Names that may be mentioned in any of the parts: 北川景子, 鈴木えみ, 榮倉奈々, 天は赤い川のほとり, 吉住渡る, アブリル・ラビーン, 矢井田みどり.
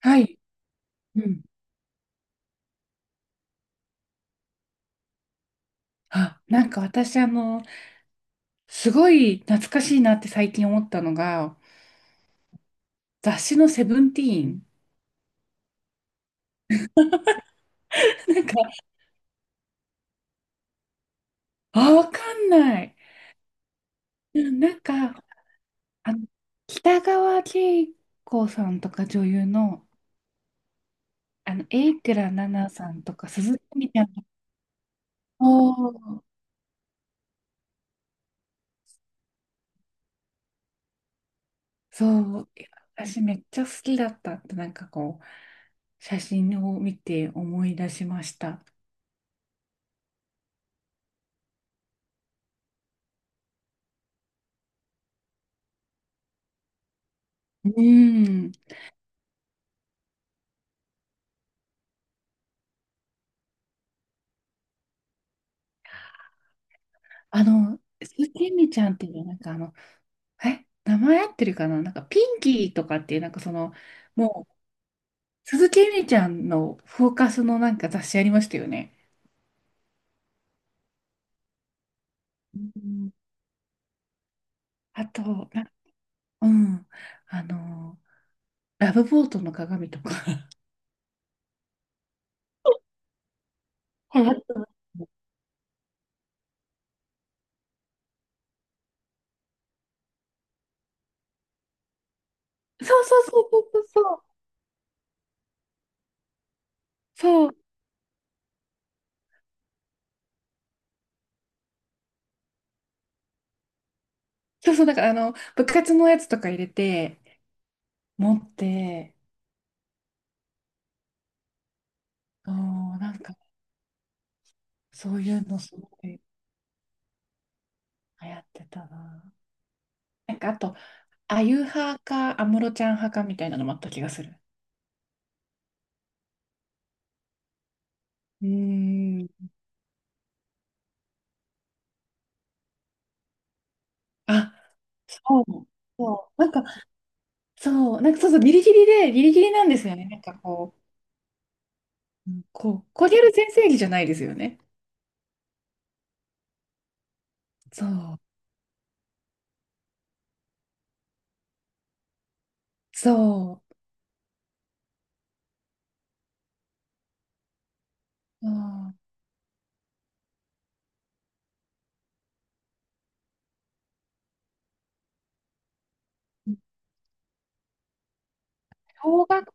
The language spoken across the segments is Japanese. はい。うん。あ、なんか私、すごい懐かしいなって最近思ったのが、雑誌のセブンティーン。なんか、あ、わかんない。うん。なんか、あの、北川景子さんとか女優の、榮倉奈々さんとか、鈴木みたいな。おー、そう。いや、私めっちゃ好きだったって、なんかこう、写真を見て思い出しました。うん。スキミちゃんっていうのはなんかえ、名前合ってるかな、なんかピンキーとかっていうなんかもう、鈴木えみちゃんのフォーカスのなんか雑誌ありましたよね。うん。あと、うん、あの、ラブボートの鏡とか。流行そうそうそうそうそうそう。そう、そうそう、だから部活のやつとか入れて、持って、そう、なんか、そういうのすごい流行ってたな。なんかあと、あゆ派か安室ちゃん派かみたいなのもあった気がする。うーん。あ、そう。そう、なんか、そう、なんかそうそう、ギリギリで、ギリギリなんですよね。なんかこう、うん、こう、コリャル全盛期じゃないですよね。そう、そう、そう。小学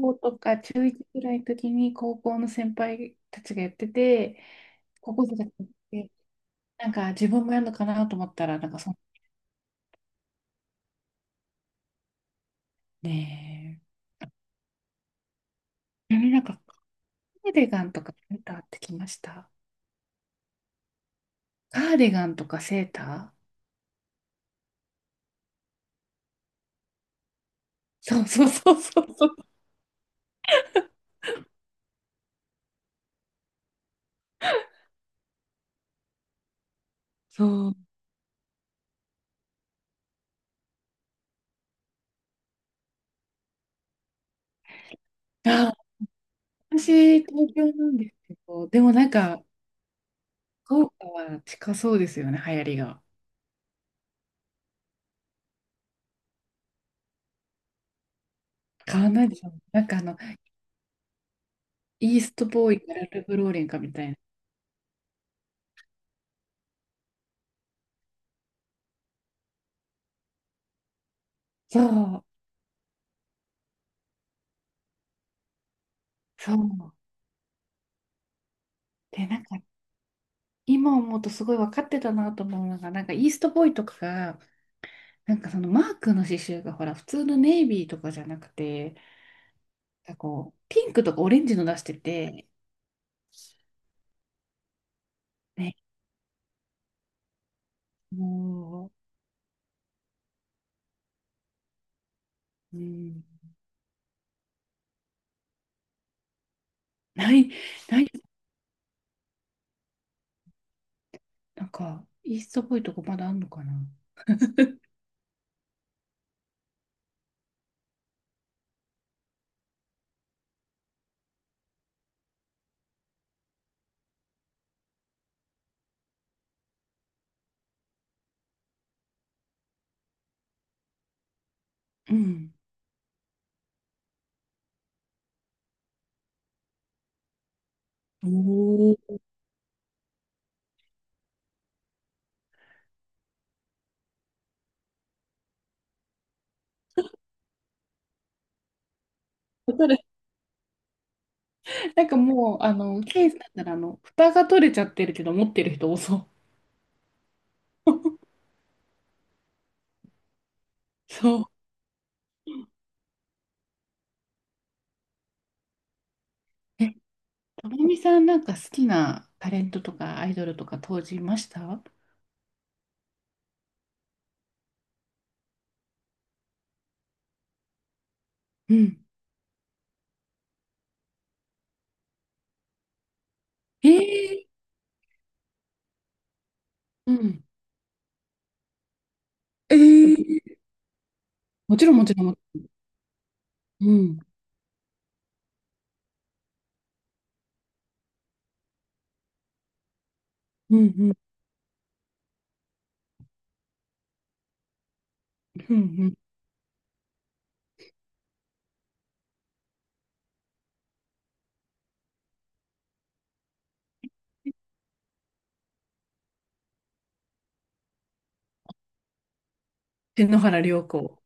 校とか中一ぐらいの時に高校の先輩たちがやってて、高校生たちがやってて、なんか自分もやるのかなと思ったら、なんかねえ、やれなかっカーディガンとかセーターってきました。カーディガンとかセーター。そうそうそうそうそう。そう。あ、私、東京なんですけど、でもなんか、福岡は近そうですよね、流行りが。変わんないでしょ。なんかイーストボーイかラルフローレンかみたいな。そう、そう。で、なんか、今思うとすごい分かってたなと思うのが、なんかイーストボーイとかが、なんかマークの刺繍がほら、普通のネイビーとかじゃなくて、なんかこう、ピンクとかオレンジの出してて、ね。もう、うん、ない。なんか、イーストっぽいとこまだあんのかな。うん。おお、われ、なんかもう、ケースだったら、蓋が取れちゃってるけど、持ってる人多そう。そう。え、ともみさん、なんか好きなタレントとかアイドルとか当時いました？うん。えーうん。えー、もちろん、もちろん、もちろん。うん。うんうん。うんうん。天皇原涼子。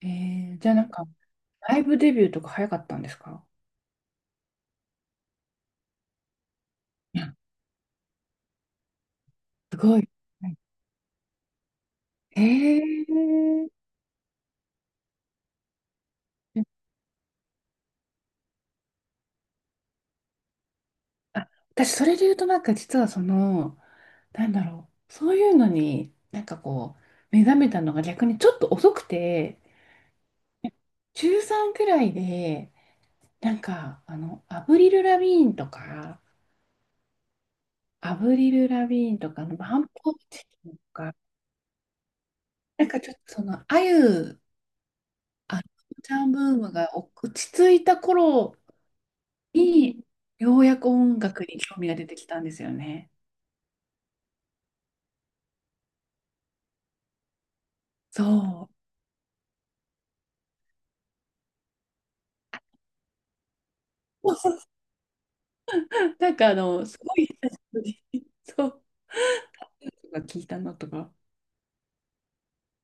じゃあなんか、ライブデビューとか早かったんですか？すごい。はい。へえ。あ、私、それで言うと、なんか実はその、なんだろう、そういうのに、なんかこう、目覚めたのが逆にちょっと遅くて、中3くらいで、なんか、アブリル・ラビーンとか、アブリル・ラビーンとか、バンポーチキンとか、なんかちょっとあゆ、あのちゃんブームが落ち着いた頃に、ようやく音楽に興味が出てきたんですよね。そう。なんかすごい久しぶりに、そう、とか聞いたのとか。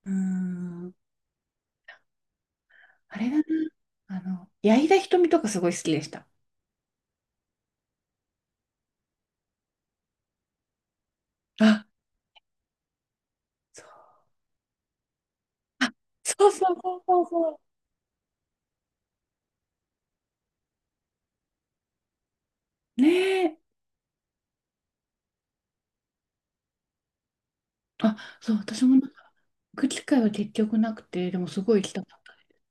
うーん、あれだな。矢井田みとかすごい好きでした。あ、そう、あ、そうそうそうそうそう。ねえ。あ、そう、私もなんか、行く機会は結局なくて、でもすごい行きたかったです。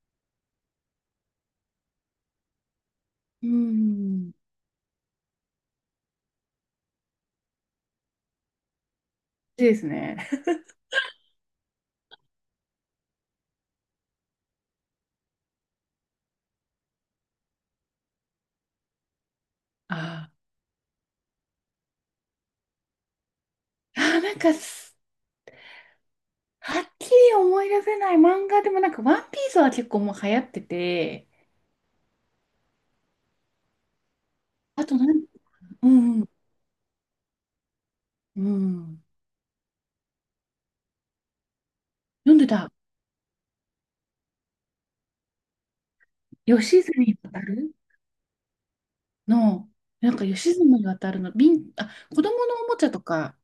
うーん。いいですね。あーあー、なんかす、はっきり思い出せない漫画でもなんか、ワンピースは結構もう流行ってて、あとなん、うん、うん。うん、読んでた。吉住渡るの、吉住渡るの、あ、子供のおもちゃとか、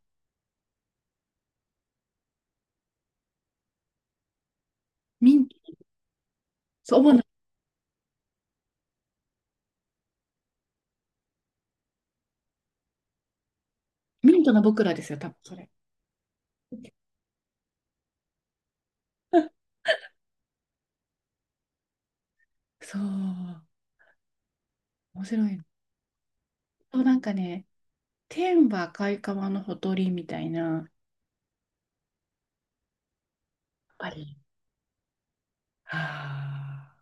ミン、そう、ミントの僕らですよ、多分それ。そう、面白いの。そう、なんかね、天は赤い川のほとりみたいな、やっぱり。はあ